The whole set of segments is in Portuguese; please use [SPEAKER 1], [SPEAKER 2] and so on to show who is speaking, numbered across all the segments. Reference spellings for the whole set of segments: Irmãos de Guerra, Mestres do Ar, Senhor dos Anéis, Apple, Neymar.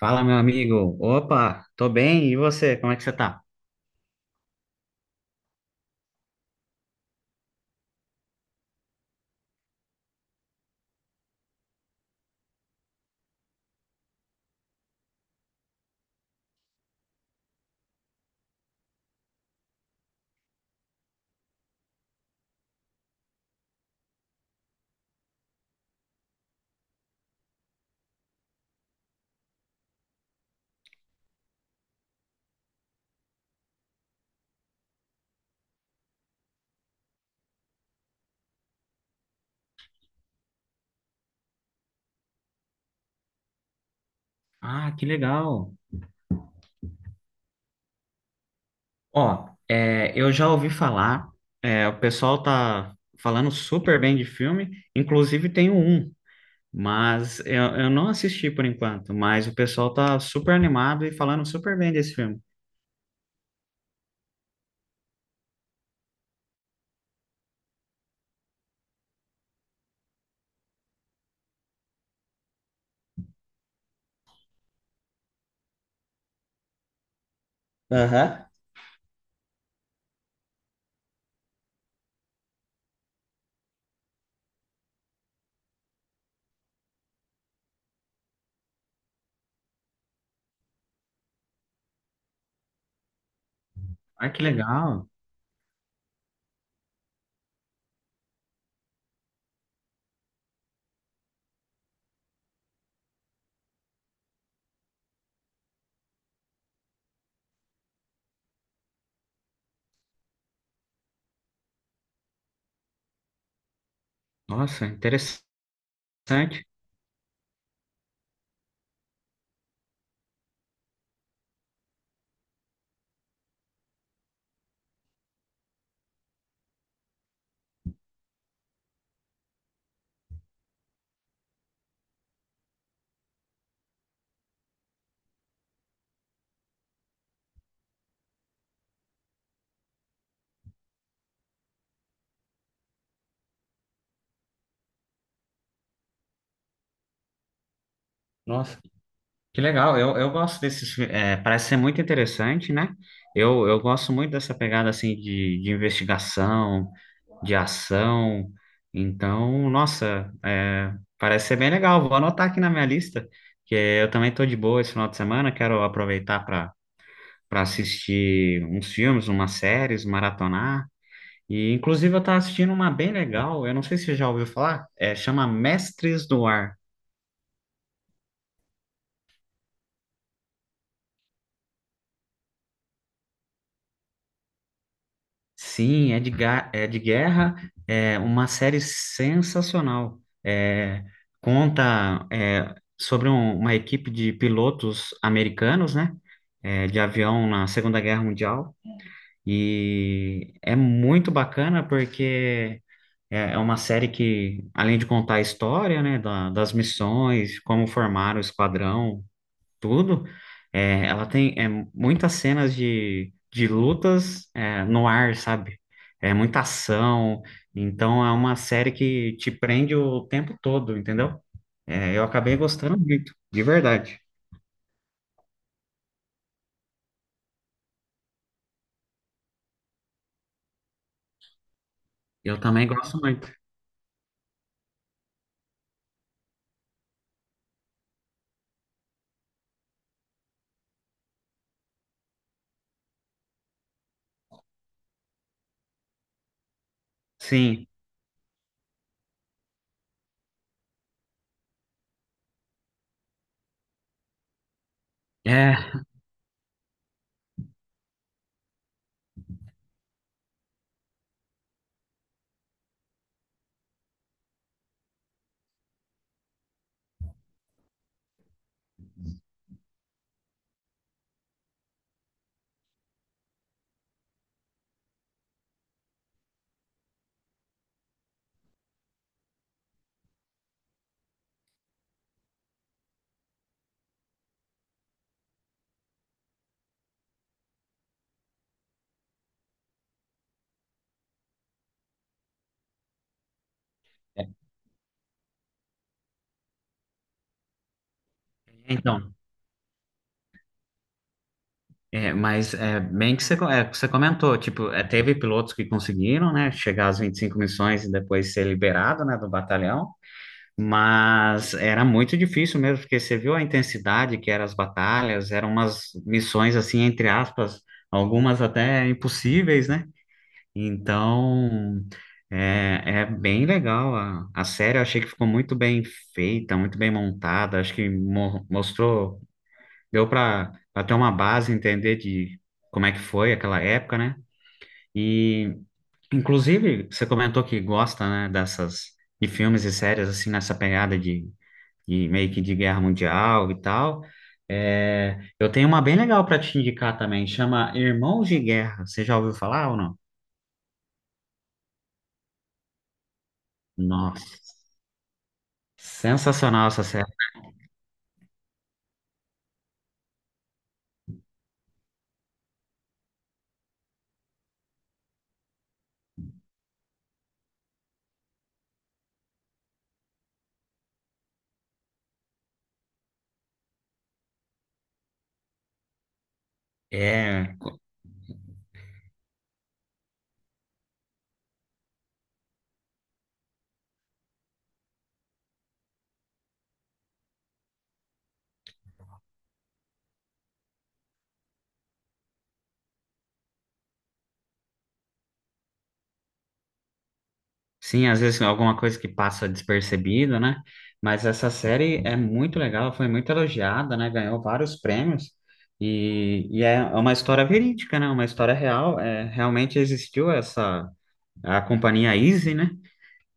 [SPEAKER 1] Fala, meu amigo. Opa, tô bem. E você? Como é que você tá? Ah, que legal. Ó, é, eu já ouvi falar, é, o pessoal tá falando super bem de filme, inclusive tem um, mas eu não assisti por enquanto, mas o pessoal tá super animado e falando super bem desse filme. Aham. Ah, que legal. Nossa, interessante. Nossa, que legal, eu gosto desses, é, parece ser muito interessante, né? Eu gosto muito dessa pegada assim de investigação, de ação. Então, nossa, é, parece ser bem legal. Vou anotar aqui na minha lista, que eu também tô de boa esse final de semana, quero aproveitar para assistir uns filmes, umas séries, maratonar. E inclusive eu tava assistindo uma bem legal, eu não sei se você já ouviu falar, é, chama Mestres do Ar. Sim, é de, é de guerra, é uma série sensacional. É, conta é, sobre uma equipe de pilotos americanos, né? É, de avião na Segunda Guerra Mundial. E é muito bacana porque é, é uma série que, além de contar a história, né, das missões, como formaram o esquadrão, tudo. É, ela tem é, muitas cenas de lutas é, no ar, sabe? É muita ação. Então é uma série que te prende o tempo todo, entendeu? É, eu acabei gostando muito, de verdade. Eu também gosto muito. Sim. É, então, é, mas é bem que você, é, que você comentou, tipo, é, teve pilotos que conseguiram, né, chegar às 25 missões e depois ser liberado, né, do batalhão. Mas era muito difícil mesmo, porque você viu a intensidade que eram as batalhas, eram umas missões assim, entre aspas, algumas até impossíveis, né? Então, é, é bem legal a série, eu achei que ficou muito bem feita, muito bem montada, acho que mostrou, deu para ter uma base, entender de como é que foi aquela época, né? E, inclusive, você comentou que gosta, né, dessas, de filmes e séries assim, nessa pegada de e meio que de guerra mundial e tal. É, eu tenho uma bem legal para te indicar também, chama Irmãos de Guerra. Você já ouviu falar ou não? Nossa, sensacional essa série. É, sim, às vezes alguma coisa que passa despercebida, né? Mas essa série é muito legal, foi muito elogiada, né? Ganhou vários prêmios. E é uma história verídica, né? Uma história real. É, realmente existiu essa a companhia Easy, né?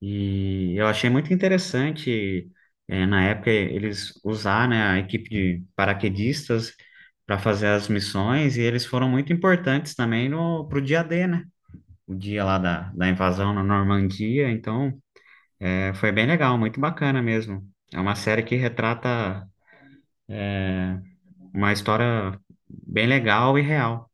[SPEAKER 1] E eu achei muito interessante, na época, eles usar, né, a equipe de paraquedistas para fazer as missões, e eles foram muito importantes também no, pro dia D, né? O dia lá da, da invasão na Normandia, então foi bem legal, muito bacana mesmo. É uma série que retrata uma história bem legal e real.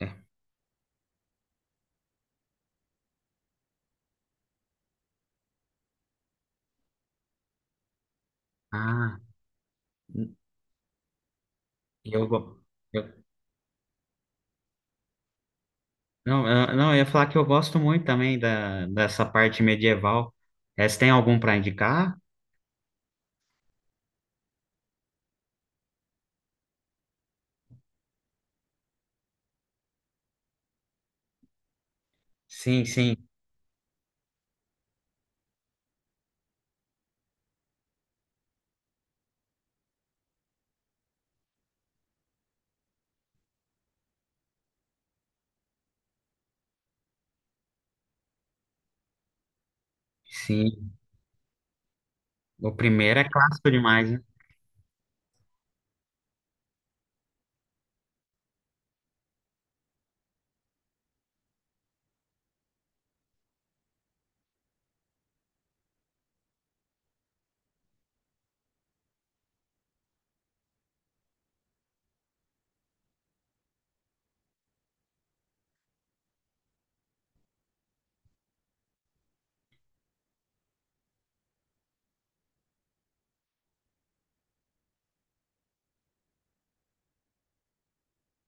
[SPEAKER 1] É. Ah. eu, go- eu Não, eu, não, eu ia falar que eu gosto muito também da, dessa parte medieval. É, você tem algum para indicar? Sim, sim, sim. O primeiro é clássico demais, né?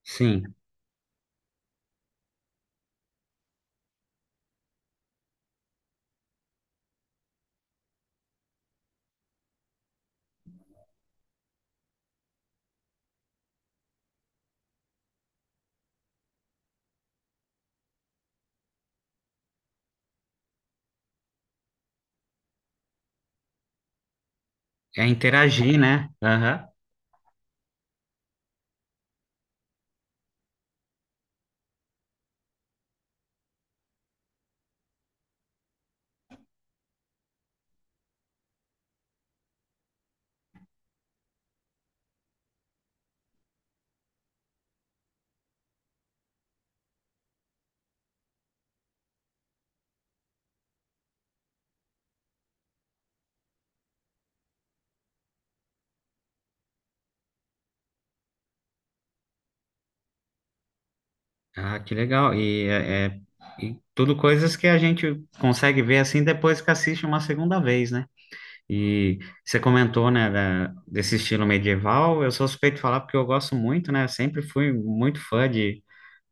[SPEAKER 1] Sim. É interagir, né? Aham. Ah, que legal. E, é, é- e tudo coisas que a gente consegue ver assim depois que assiste uma segunda vez, né? E você comentou, né, desse estilo medieval. Eu sou suspeito de falar porque eu gosto muito, né? Sempre fui muito fã de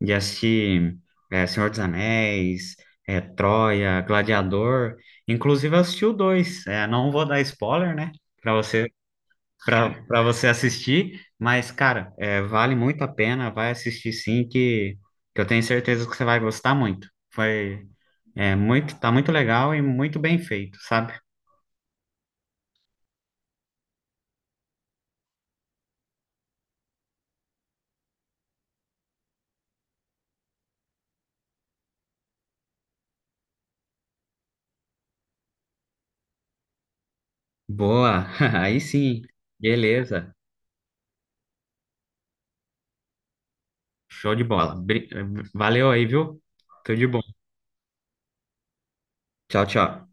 [SPEAKER 1] assistir é, Senhor dos Anéis, é, Troia, Gladiador. Inclusive, eu assisti o dois. É, não vou dar spoiler, né? Para você, para você assistir. Mas, cara, é, vale muito a pena. Vai assistir sim, que eu tenho certeza que você vai gostar muito. Foi, é, muito, tá muito legal e muito bem feito, sabe? Boa, aí sim. Beleza. Show de bola. Valeu aí, viu? Tudo de bom. Tchau, tchau.